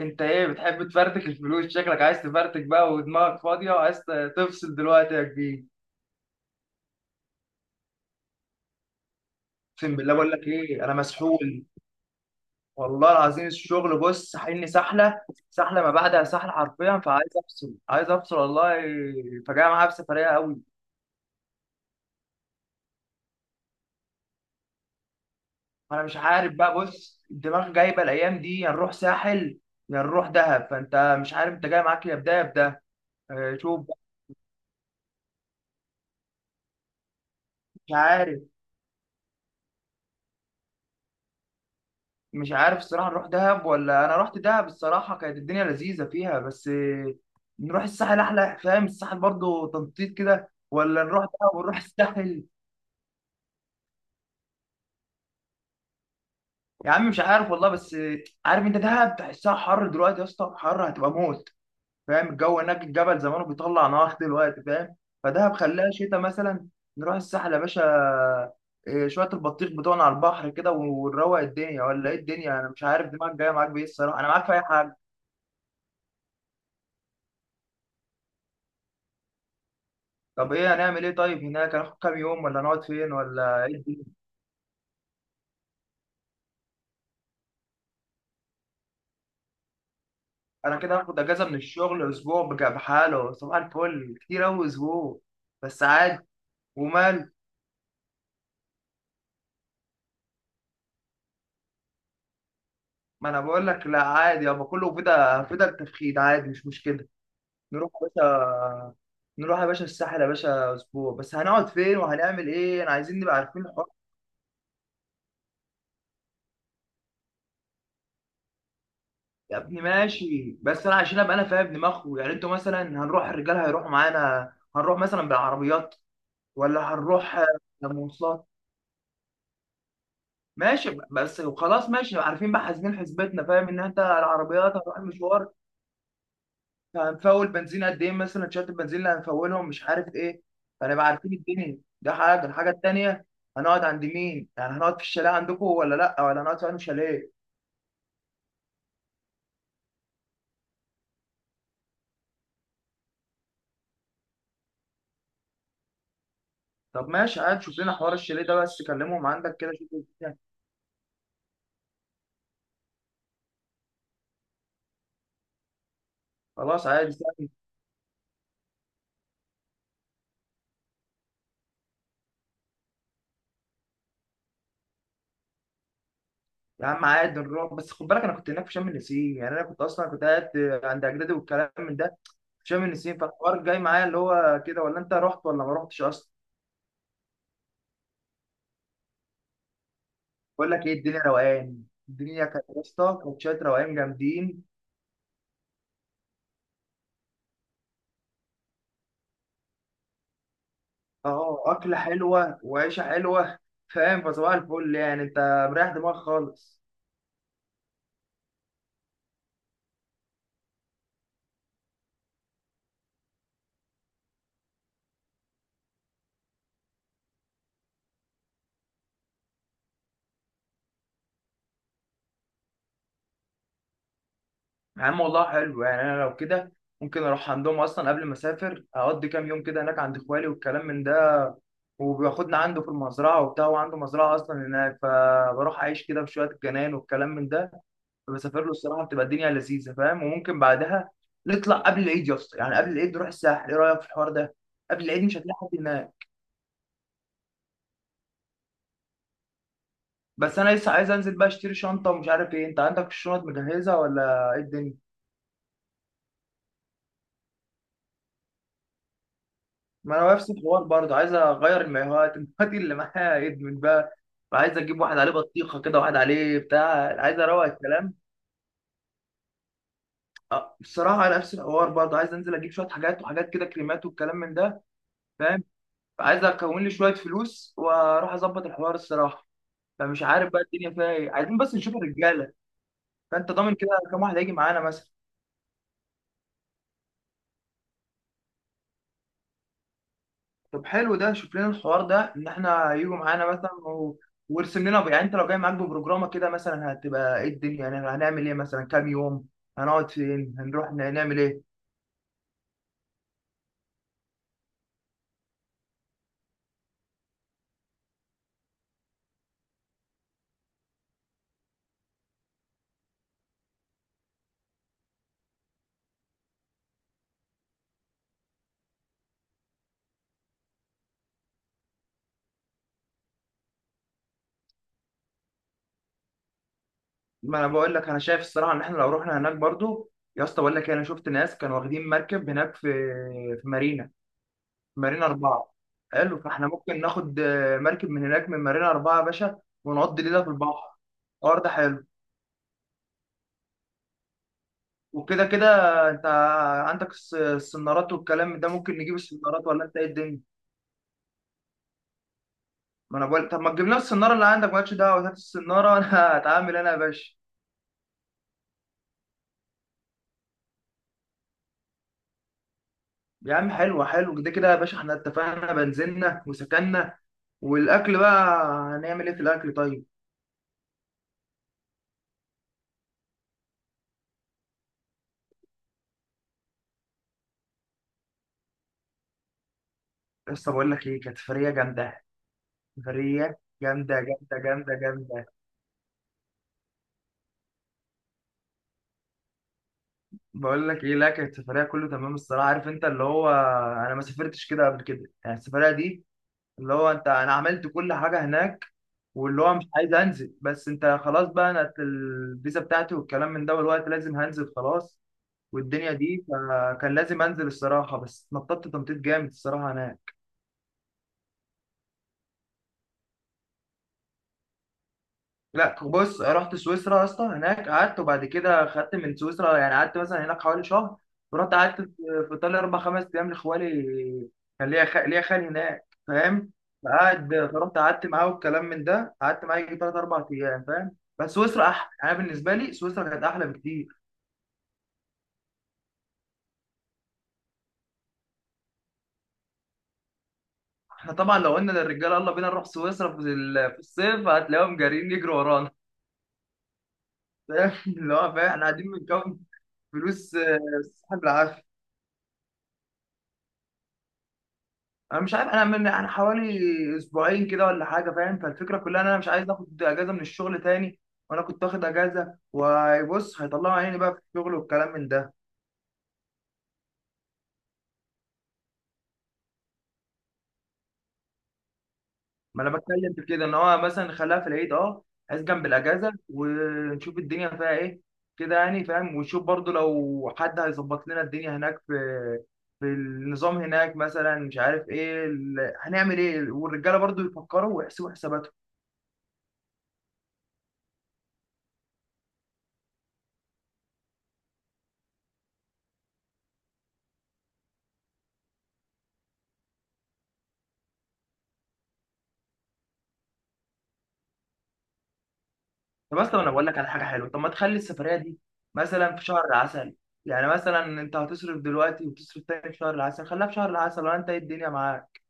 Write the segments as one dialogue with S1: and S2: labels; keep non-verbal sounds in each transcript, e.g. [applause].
S1: انت ايه؟ بتحب تفرتك الفلوس؟ شكلك عايز تفرتك بقى ودماغك فاضيه وعايز تفصل دلوقتي يا كبير. اقسم بالله بقول لك ايه، انا مسحول. والله العظيم الشغل بص ساحلني سحله، سحله ما بعدها سحله حرفيا، فعايز افصل، عايز افصل والله. فجاه معايا بسفريه قوي. انا مش عارف بقى، بص الدماغ جايبه الايام دي يا نروح ساحل يا نروح دهب، فانت مش عارف انت جاي معاك يا بده يا بده. اه، شوف بقى، مش عارف. مش عارف الصراحة، نروح دهب؟ ولا أنا رحت دهب الصراحة كانت الدنيا لذيذة فيها، بس نروح الساحل أحلى. فاهم؟ الساحل برضو تنطيط كده، ولا نروح دهب ونروح الساحل؟ يا عم مش عارف والله. بس عارف أنت، دهب تحسها حر دلوقتي يا اسطى، حر هتبقى موت. فاهم؟ الجو هناك الجبل زمانه بيطلع نار [laughs] دلوقتي، فاهم؟ فدهب خلاها شتاء مثلا. نروح الساحل يا باشا. إيه، شوية البطيخ بتوعنا على البحر كده ونروق الدنيا، ولا إيه الدنيا؟ أنا مش عارف دماغك جاية معاك بإيه الصراحة، أنا معاك في أي حاجة. طب ايه؟ هنعمل ايه طيب هناك؟ هناخد كام يوم؟ ولا نقعد فين؟ ولا ايه الدنيا؟ انا كده هاخد اجازه من الشغل اسبوع، بحاله صباح الفل، كتير اوي اسبوع، بس عادي. ومال؟ ما انا بقول لك لا عادي يابا، كله فدا فدا التفخيد، عادي مش مشكله. نروح يا باشا، نروح يا باشا الساحل يا باشا. اسبوع بس، هنقعد فين؟ وهنعمل ايه؟ انا عايزين نبقى عارفين الحوار. يا ابني ماشي، بس انا عشان ابقى انا فاهم دماغه، يعني انتوا مثلا هنروح الرجال هيروحوا معانا؟ هنروح مثلا بالعربيات ولا هنروح مواصلات؟ ماشي بس. وخلاص ماشي، عارفين بقى، حاسبين حسبتنا، فاهم؟ ان انت العربيات هتروح مشوار، هنفول بنزين قد ايه مثلا، شات البنزين اللي هنفولهم، مش عارف ايه. فنبقى عارفين الدنيا، ده حاجه. الحاجه التانيه، هنقعد عند مين؟ يعني هنقعد في الشاليه عندكم ولا لا؟ ولا هنقعد في انهي شاليه؟ طب ماشي عادي، شوف لنا حوار الشاليه ده، بس كلمهم عندك كده شوف الدنيا. خلاص عادي سهل. يا عم عادي نروح، بس خد بالك انا كنت هناك في شم النسيم. يعني انا كنت اصلا كنت قاعد عند اجدادي والكلام من ده في شم النسيم، فالحوار جاي معايا اللي هو كده. ولا انت رحت ولا ما رحتش اصلا؟ بقول لك ايه، الدنيا روقان. الدنيا كانت يا اسطى كوتشات روقان جامدين. اه، اكله حلوه وعيشه حلوه. فاهم؟ فصباح الفل، يعني انت مريح دماغك خالص. يا عم والله حلو، يعني انا لو كده ممكن اروح عندهم اصلا قبل ما اسافر، اقضي كام يوم كده هناك عند اخوالي والكلام من ده، وبياخدنا عنده في المزرعه وبتاع، وعنده مزرعه اصلا هناك، فبروح اعيش كده في شويه الجنان والكلام من ده. بسافر له الصراحه بتبقى الدنيا لذيذه، فاهم؟ وممكن بعدها نطلع قبل العيد يا اسطى، يعني قبل العيد نروح الساحل. ايه رايك في الحوار ده؟ قبل العيد مش هتلاقي حد هناك. بس انا لسه عايز انزل بقى اشتري شنطه ومش عارف ايه، انت عندك الشنط مجهزه ولا ايه الدنيا؟ ما انا نفس الحوار برضه، عايز اغير المايوهات [laughs] المايوهات اللي معايا ادمت بقى، وعايز اجيب واحد عليه بطيخه كده، واحد عليه بتاع، عايز اروق الكلام. أه، بصراحه على نفس الحوار برضه، عايز انزل اجيب شويه حاجات، وحاجات كده كريمات والكلام من ده. فاهم؟ عايز اكون لي شويه فلوس واروح اظبط الحوار الصراحه. فمش عارف بقى الدنيا فيها ايه، عايزين بس نشوف الرجاله. فانت ضامن كده كام واحد هيجي معانا مثلا؟ طب حلو ده، شوف لنا الحوار ده ان احنا هيجوا معانا مثلا و... وارسم لنا، يعني انت لو جاي معاك ببروجرامه كده، مثلا هتبقى ايه الدنيا، يعني هنعمل ايه، مثلا كام يوم، هنقعد فين، هنروح نعمل ايه؟ ما انا بقول لك انا شايف الصراحه ان احنا لو رحنا هناك برضو، يا اسطى بقول لك إيه، انا شفت ناس كانوا واخدين مركب هناك في في مارينا، في مارينا اربعه. حلو، فاحنا ممكن ناخد آه، مركب من هناك من مارينا اربعه يا باشا، ونقضي ليله في البحر. الحوار ده حلو. وكده كده انت عندك السنارات والكلام ده، ممكن نجيب السنارات، ولا انت ايه الدنيا؟ ما انا بقول، طب ما تجيب لنا السناره اللي عندك، مالكش دعوه، هات السناره [laughs] انا هتعامل انا يا باشا. يا عم حلو، حلو كده كده يا باشا، احنا اتفقنا، بنزلنا وسكننا. والاكل بقى، هنعمل ايه في الاكل طيب؟ لسه بقول لك ايه، كانت سفريه جامده. سفريه جامده جامده جامده جامده. بقول لك ايه، لا كانت سفريه كله تمام الصراحه. عارف انت اللي هو، انا ما سافرتش كده قبل كده يعني، السفريه دي اللي هو انت، انا عملت كل حاجه هناك، واللي هو مش عايز انزل، بس انت خلاص بقى، انا الفيزا بتاعتي والكلام من ده والوقت لازم هنزل خلاص والدنيا دي، فكان لازم انزل الصراحه، بس نططت تنطيط جامد الصراحه هناك. لا بص، رحت سويسرا يا اسطى، هناك قعدت وبعد كده خدت من سويسرا، يعني قعدت مثلا هناك حوالي شهر، ورحت قعدت في ايطاليا اربع خمس ايام لخوالي. كان ليا ليا خال هناك فاهم. فقعد، فرحت قعدت معاه والكلام من ده، قعدت معاه يجي ثلاث اربع ايام، فاهم؟ بس سويسرا احلى، انا بالنسبه لي سويسرا كانت احلى بكتير. احنا طبعا لو قلنا للرجاله يلا بينا نروح سويسرا في في الصيف، هتلاقيهم جارين يجروا ورانا. فاهم اللي هو؟ فاهم؟ احنا قاعدين بنكون فلوس آه، سحب العافيه. انا مش عارف، انا من انا حوالي اسبوعين كده ولا حاجه، فاهم؟ فالفكره كلها ان انا مش عايز اخد اجازه من الشغل تاني. وانا كنت واخد اجازه، وبص هيطلعوا عيني بقى في الشغل والكلام من ده. ما انا بتكلم في كده ان هو مثلا نخليها في العيد. اه، عايز جنب الاجازه ونشوف الدنيا فيها ايه كده، يعني فاهم؟ ونشوف برضو لو حد هيظبط لنا الدنيا هناك في في النظام هناك مثلا، مش عارف ايه هنعمل ايه، والرجاله برضو يفكروا ويحسبوا حساباتهم. طب اصلا انا بقول لك على حاجه حلوه، طب ما تخلي السفريه دي مثلا في شهر العسل؟ يعني مثلا انت هتصرف دلوقتي وتصرف تاني في شهر العسل، خليها في شهر العسل، ولا انت ايه الدنيا معاك؟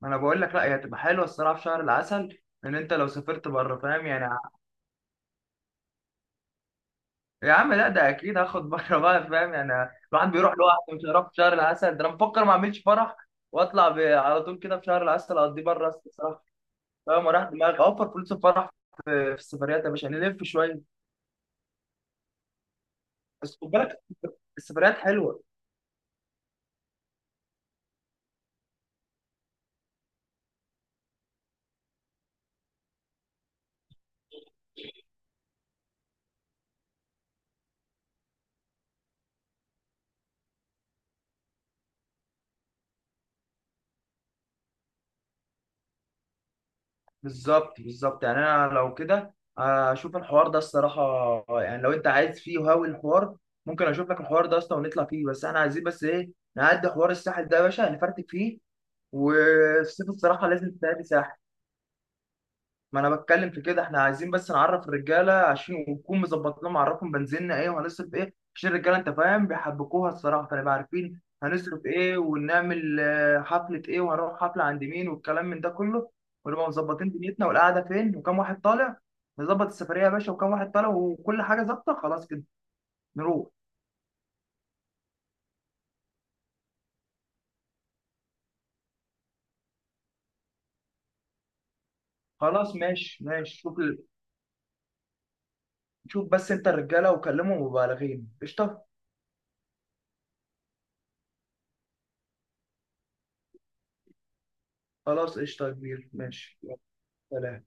S1: ما انا بقول لك لا، هي هتبقى حلوه الصراحه في شهر العسل، ان انت لو سافرت بره، فاهم؟ يا عم لا ده اكيد هاخد [laughs] بره بقى، فاهم يعني؟ الواحد بيروح لوحده مش هيروح في شهر العسل ده، انا بفكر ما اعملش فرح واطلع على طول كده في شهر العسل اقضيه بره أصلاً الصراحه. فاهم؟ وراح دماغي اوفر فلوس الفرح في في السفريات يا باشا، نلف شويه. بس خد بالك السفريات حلوه. بالظبط بالظبط، يعني انا لو كده اشوف الحوار ده الصراحه. يعني لو انت عايز فيه وهاوي الحوار، ممكن اشوف لك الحوار ده اصلا ونطلع فيه، بس احنا عايزين بس ايه، نعدي حوار الساحل ده يا باشا، نفرتك فيه، والصيف الصراحه لازم تتعدي ساحل. ما انا بتكلم في كده، احنا عايزين بس نعرف الرجاله عشان ونكون مظبط لهم، نعرفهم بنزيننا ايه، وهنصرف ايه، عشان الرجاله انت فاهم بيحبكوها الصراحه، فنبقى عارفين هنصرف ايه، ونعمل آه، حفله ايه، وهنروح حفله عند مين، والكلام من ده كله. ونبقى مظبطين دنيتنا والقعده فين وكم واحد طالع. نظبط السفريه يا باشا، وكم واحد طالع، وكل حاجه ظابطه خلاص كده. نروح. خلاص ماشي ماشي، شوف ال... شوف بس انت الرجاله وكلمهم، وبالغين قشطه. خلاص قشطه يا كبير، ماشي يلا، سلام.